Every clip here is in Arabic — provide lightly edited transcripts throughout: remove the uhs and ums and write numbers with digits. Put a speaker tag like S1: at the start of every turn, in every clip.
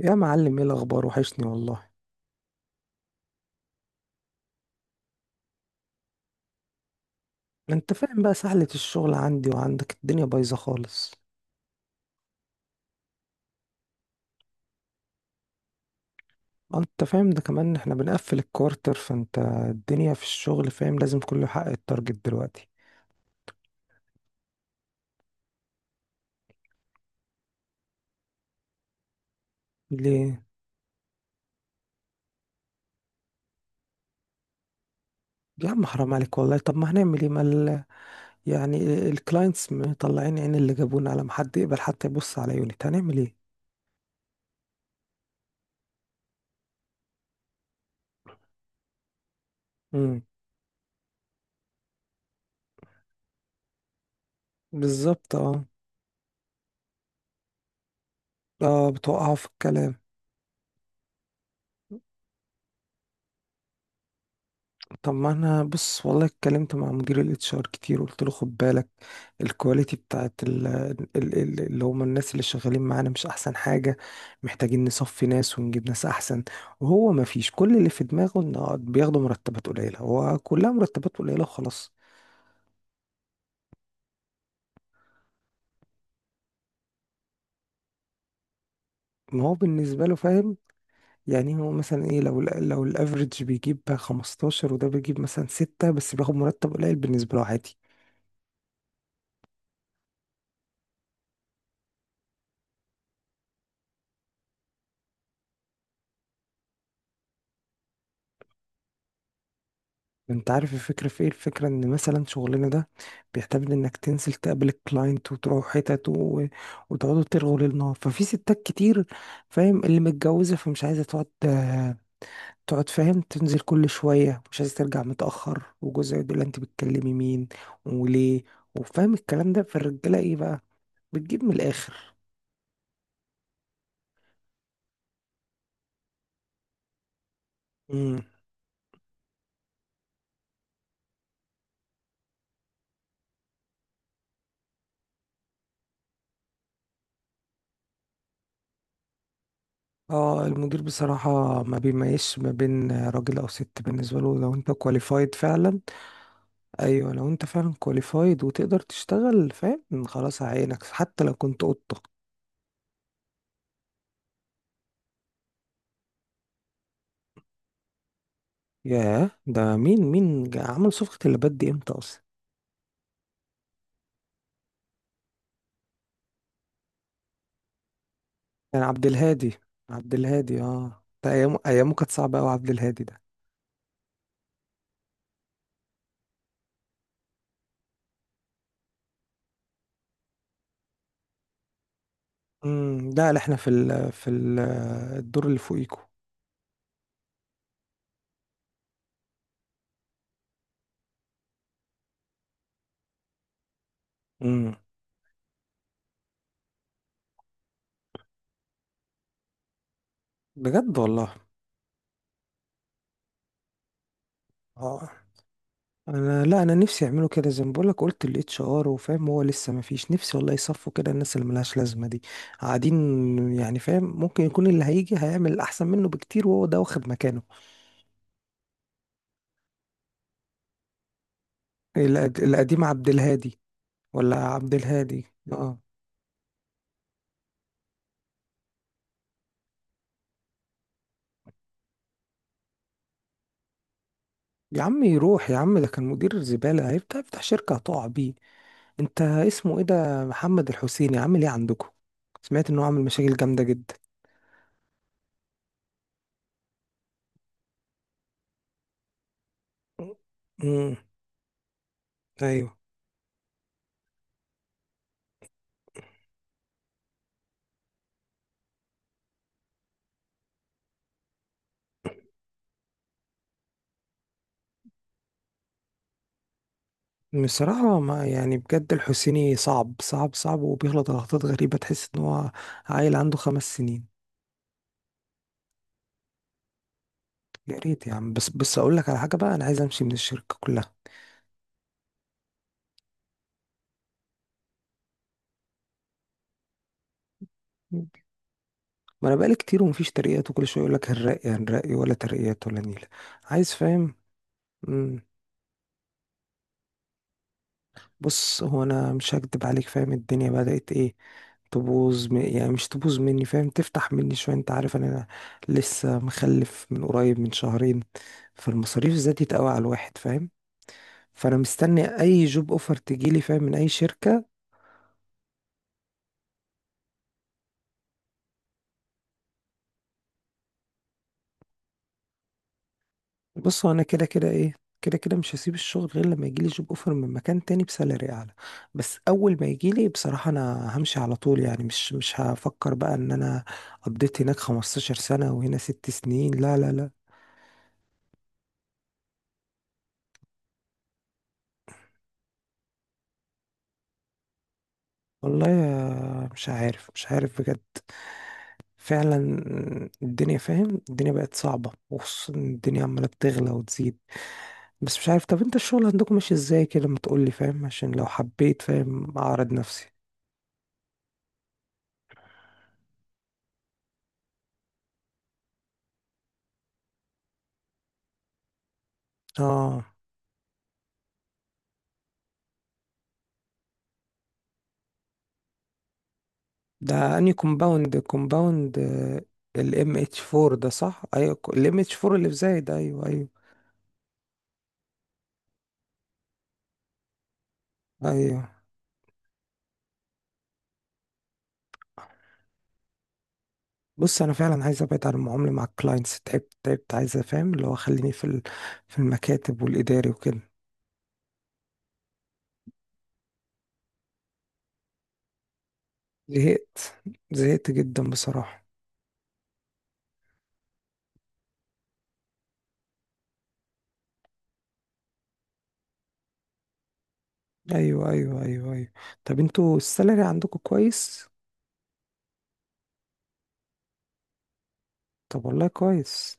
S1: يا معلم، ايه الاخبار؟ وحشني والله. انت فاهم بقى، سهلة الشغل عندي وعندك، الدنيا بايظة خالص. انت فاهم ده كمان، احنا بنقفل الكوارتر، فانت الدنيا في الشغل، فاهم؟ لازم كله يحقق التارجت دلوقتي. ليه؟ يا عم حرام عليك والله، طب ما هنعمل ايه؟ مال يعني، الكلاينتس مطلعين عين اللي جابونا، على ما حد يقبل حتى يبص على يونت، هنعمل ايه؟ امم. بالظبط، اه. اه، بتوقعه في الكلام. طب ما انا، بص والله اتكلمت مع مدير الاتش ار كتير وقلت له خد بالك، الكواليتي بتاعت ال ال ال اللي هم الناس اللي شغالين معانا مش احسن حاجة، محتاجين نصفي ناس ونجيب ناس احسن. وهو ما فيش، كل اللي في دماغه انه بياخدوا مرتبات قليلة، هو كلها مرتبات قليلة وخلاص. ما هو بالنسبة له فاهم. يعني هو مثلا ايه، لو لو الافريج بيجيب 15، وده بيجيب مثلا 6 بس، بياخد مرتب قليل بالنسبة له عادي. انت عارف الفكرة في ايه؟ الفكرة ان مثلا شغلنا ده بيعتمد انك تنزل تقابل الكلاينت وتروح حتت. وتقعدوا ترغوا للنار، ففي ستات كتير، فاهم، اللي متجوزة فمش عايزة تقعد، تقعد، فاهم، تنزل كل شوية، مش عايزة ترجع متأخر وجوزها يقول لها انت بتكلمي مين وليه، وفاهم الكلام ده. فالرجالة ايه بقى؟ بتجيب من الآخر. مم. اه، المدير بصراحة ما بيميزش ما بين راجل أو ست، بالنسبة له لو انت كواليفايد فعلا. ايوه، لو انت فعلا كواليفايد وتقدر تشتغل، فاهم، خلاص عينك حتى لو كنت قطة. ياه، ده مين مين عمل صفقة اللبات دي امتى اصلا؟ كان عبد الهادي. عبد الهادي، اه، ده ايامه ايامه كانت صعبة قوي، عبد الهادي ده. لا لا، احنا في ال في ال الدور اللي فوقيكو. امم. بجد والله. اه، انا، لا، انا نفسي يعملوا كده، زي ما بقولك قلت الاتش ار وفاهم هو لسه ما فيش. نفسي والله يصفوا كده الناس اللي ملهاش لازمه دي، قاعدين، يعني فاهم ممكن يكون اللي هيجي هيعمل احسن منه بكتير وهو ده واخد مكانه. القديم عبد الهادي؟ ولا عبد الهادي؟ اه. يا عم يروح يا عم، ده كان مدير زباله، هيفتح يفتح شركه هتقع بيه. انت اسمه ايه ده، محمد الحسيني، عامل ايه عندكم؟ سمعت انه عامل مشاكل جامده جدا. امم. ايوه، بصراحة ما يعني بجد، الحسيني صعب صعب صعب، وبيغلط غلطات غريبة، تحس ان هو عيل عنده 5 سنين. يا ريت يا عم، بس بس اقول لك على حاجة بقى، انا عايز امشي من الشركة كلها. ما انا بقالي كتير ومفيش ترقيات، وكل شوية يقول لك هنرقي هنرقي، ولا ترقيات ولا نيلة. عايز، فاهم. مم. بص هو انا مش هكدب عليك، فاهم، الدنيا بدأت ايه تبوظ. يعني مش تبوظ مني، فاهم، تفتح مني شوية. انت عارف ان انا لسه مخلف من قريب، من شهرين، فالمصاريف زادت قوي على الواحد فاهم. فانا مستني اي جوب اوفر تجيلي، فاهم، من اي شركه. بص، هو انا كده كده ايه، كده كده مش هسيب الشغل غير لما يجيلي جوب اوفر من مكان تاني بسالري اعلى. بس اول ما يجيلي بصراحه انا همشي على طول، يعني مش هفكر بقى ان انا قضيت هناك 15 سنه وهنا 6 سنين، لا لا لا. والله يا، مش عارف مش عارف بجد، فعلا. الدنيا فاهم، الدنيا بقت صعبة، وخصوصا إن الدنيا عمالة بتغلى وتزيد. بس مش عارف، طب انت الشغل عندكم ماشي ازاي كده، ما تقولي فاهم عشان لو حبيت فاهم اعرض نفسي. اه، ده اني كومباوند؟ كومباوند الام اتش 4 ده، صح؟ ايوه الام اتش 4 اللي في زايد. ايوه، ايوه، ايوه، بص انا فعلا عايز ابعد عن المعامله مع الكلاينتس، تعبت تعبت، عايز افهم اللي هو خليني في المكاتب والاداري وكده. زهقت. زهقت جدا بصراحه. ايوه ايوه ايوه ايوه. طب انتوا السالري عندكم كويس؟ طب والله كويس.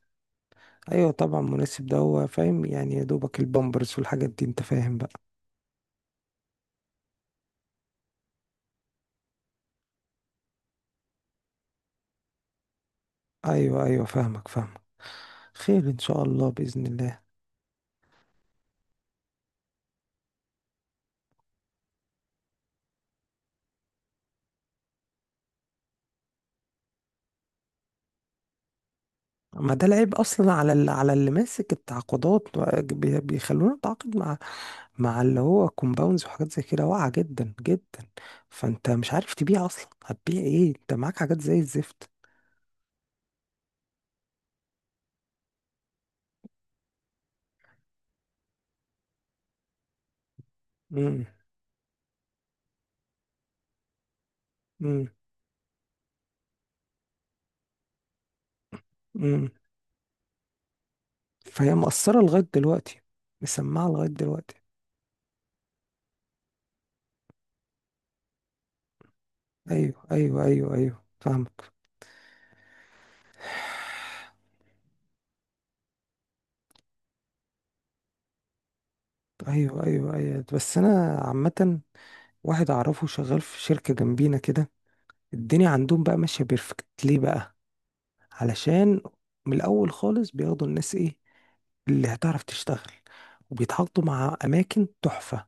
S1: ايوه طبعا مناسب، ده هو فاهم يعني يا دوبك البامبرز والحاجات دي، انت فاهم بقى. ايوه ايوه فاهمك فاهمك. خير ان شاء الله، باذن الله. ما ده العيب اصلا على اللي، على اللي ماسك التعاقدات، بيخلونا نتعاقد مع، مع اللي هو كومباوندز وحاجات زي كده، واقعه جدا جدا. فانت مش عارف تبيع اصلا، هتبيع ايه؟ انت معاك حاجات زي الزفت. امم امم امم فهي مقصره لغايه دلوقتي، مسمعه لغايه دلوقتي. ايوه ايوه ايوه ايوه فاهمك. ايوه ايوه ايوه، بس انا عامه، واحد اعرفه شغال في شركه جنبينا كده، الدنيا عندهم بقى ماشيه بيرفكت. ليه بقى؟ علشان من الاول خالص بياخدوا الناس ايه، اللي هتعرف تشتغل، وبيتحطوا مع اماكن تحفه،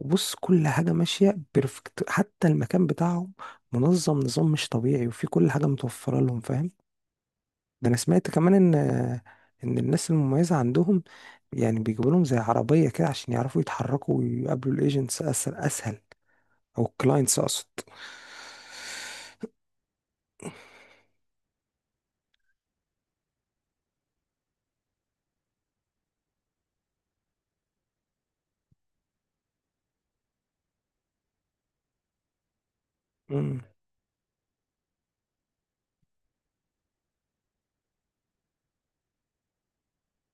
S1: وبص كل حاجه ماشيه بيرفكت، حتى المكان بتاعهم منظم نظام مش طبيعي، وفي كل حاجه متوفره لهم فاهم. ده انا سمعت كمان ان الناس المميزه عندهم، يعني بيجيبوا لهم زي عربيه كده عشان يعرفوا يتحركوا ويقابلوا الايجنتس اسهل اسهل، او الكلاينتس اقصد. مم.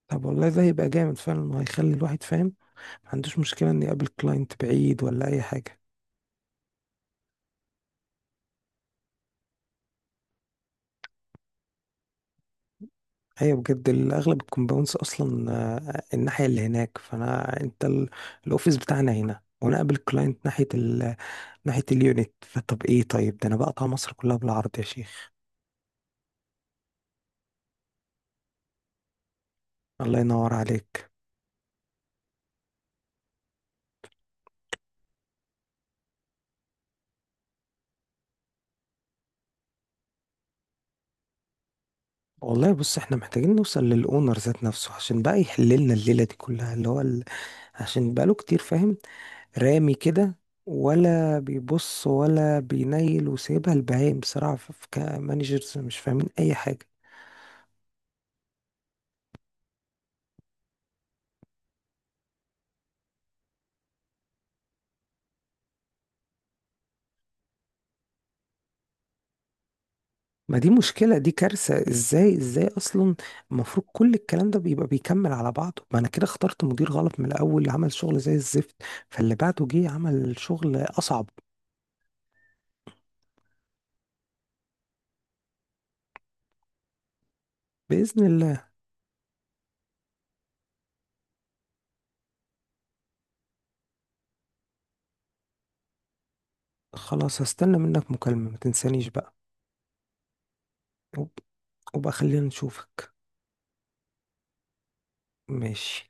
S1: طب والله ده هيبقى جامد فعلا، وهيخلي الواحد فاهم ما عندوش مشكله ان يقابل كلاينت بعيد ولا اي حاجه. ايوه بجد، اغلب الكومباوندز اصلا آه، الناحيه اللي هناك، فانا انت الاوفيس بتاعنا هنا، وانا قابل كلاينت ناحيه ناحيه اليونت، فطب ايه طيب، ده انا بقطع مصر كلها بالعرض يا شيخ. الله ينور عليك. والله بص، احنا محتاجين نوصل للاونر ذات نفسه عشان بقى يحل لنا الليله دي كلها اللي هو عشان بقاله كتير، فاهم، رامي كده، ولا بيبص ولا بينيل، وسايبها البهايم بصراحه، كمانجرز مش فاهمين اي حاجه. ما دي مشكله، دي كارثه، ازاي ازاي اصلا؟ المفروض كل الكلام ده بيبقى بيكمل على بعضه، ما انا كده اخترت مدير غلط من الاول عمل شغل زي الزفت، فاللي بعده جه عمل شغل اصعب. باذن الله. خلاص هستنى منك مكالمه، ما تنسانيش بقى. وب- وبقى خلينا نشوفك. ماشي.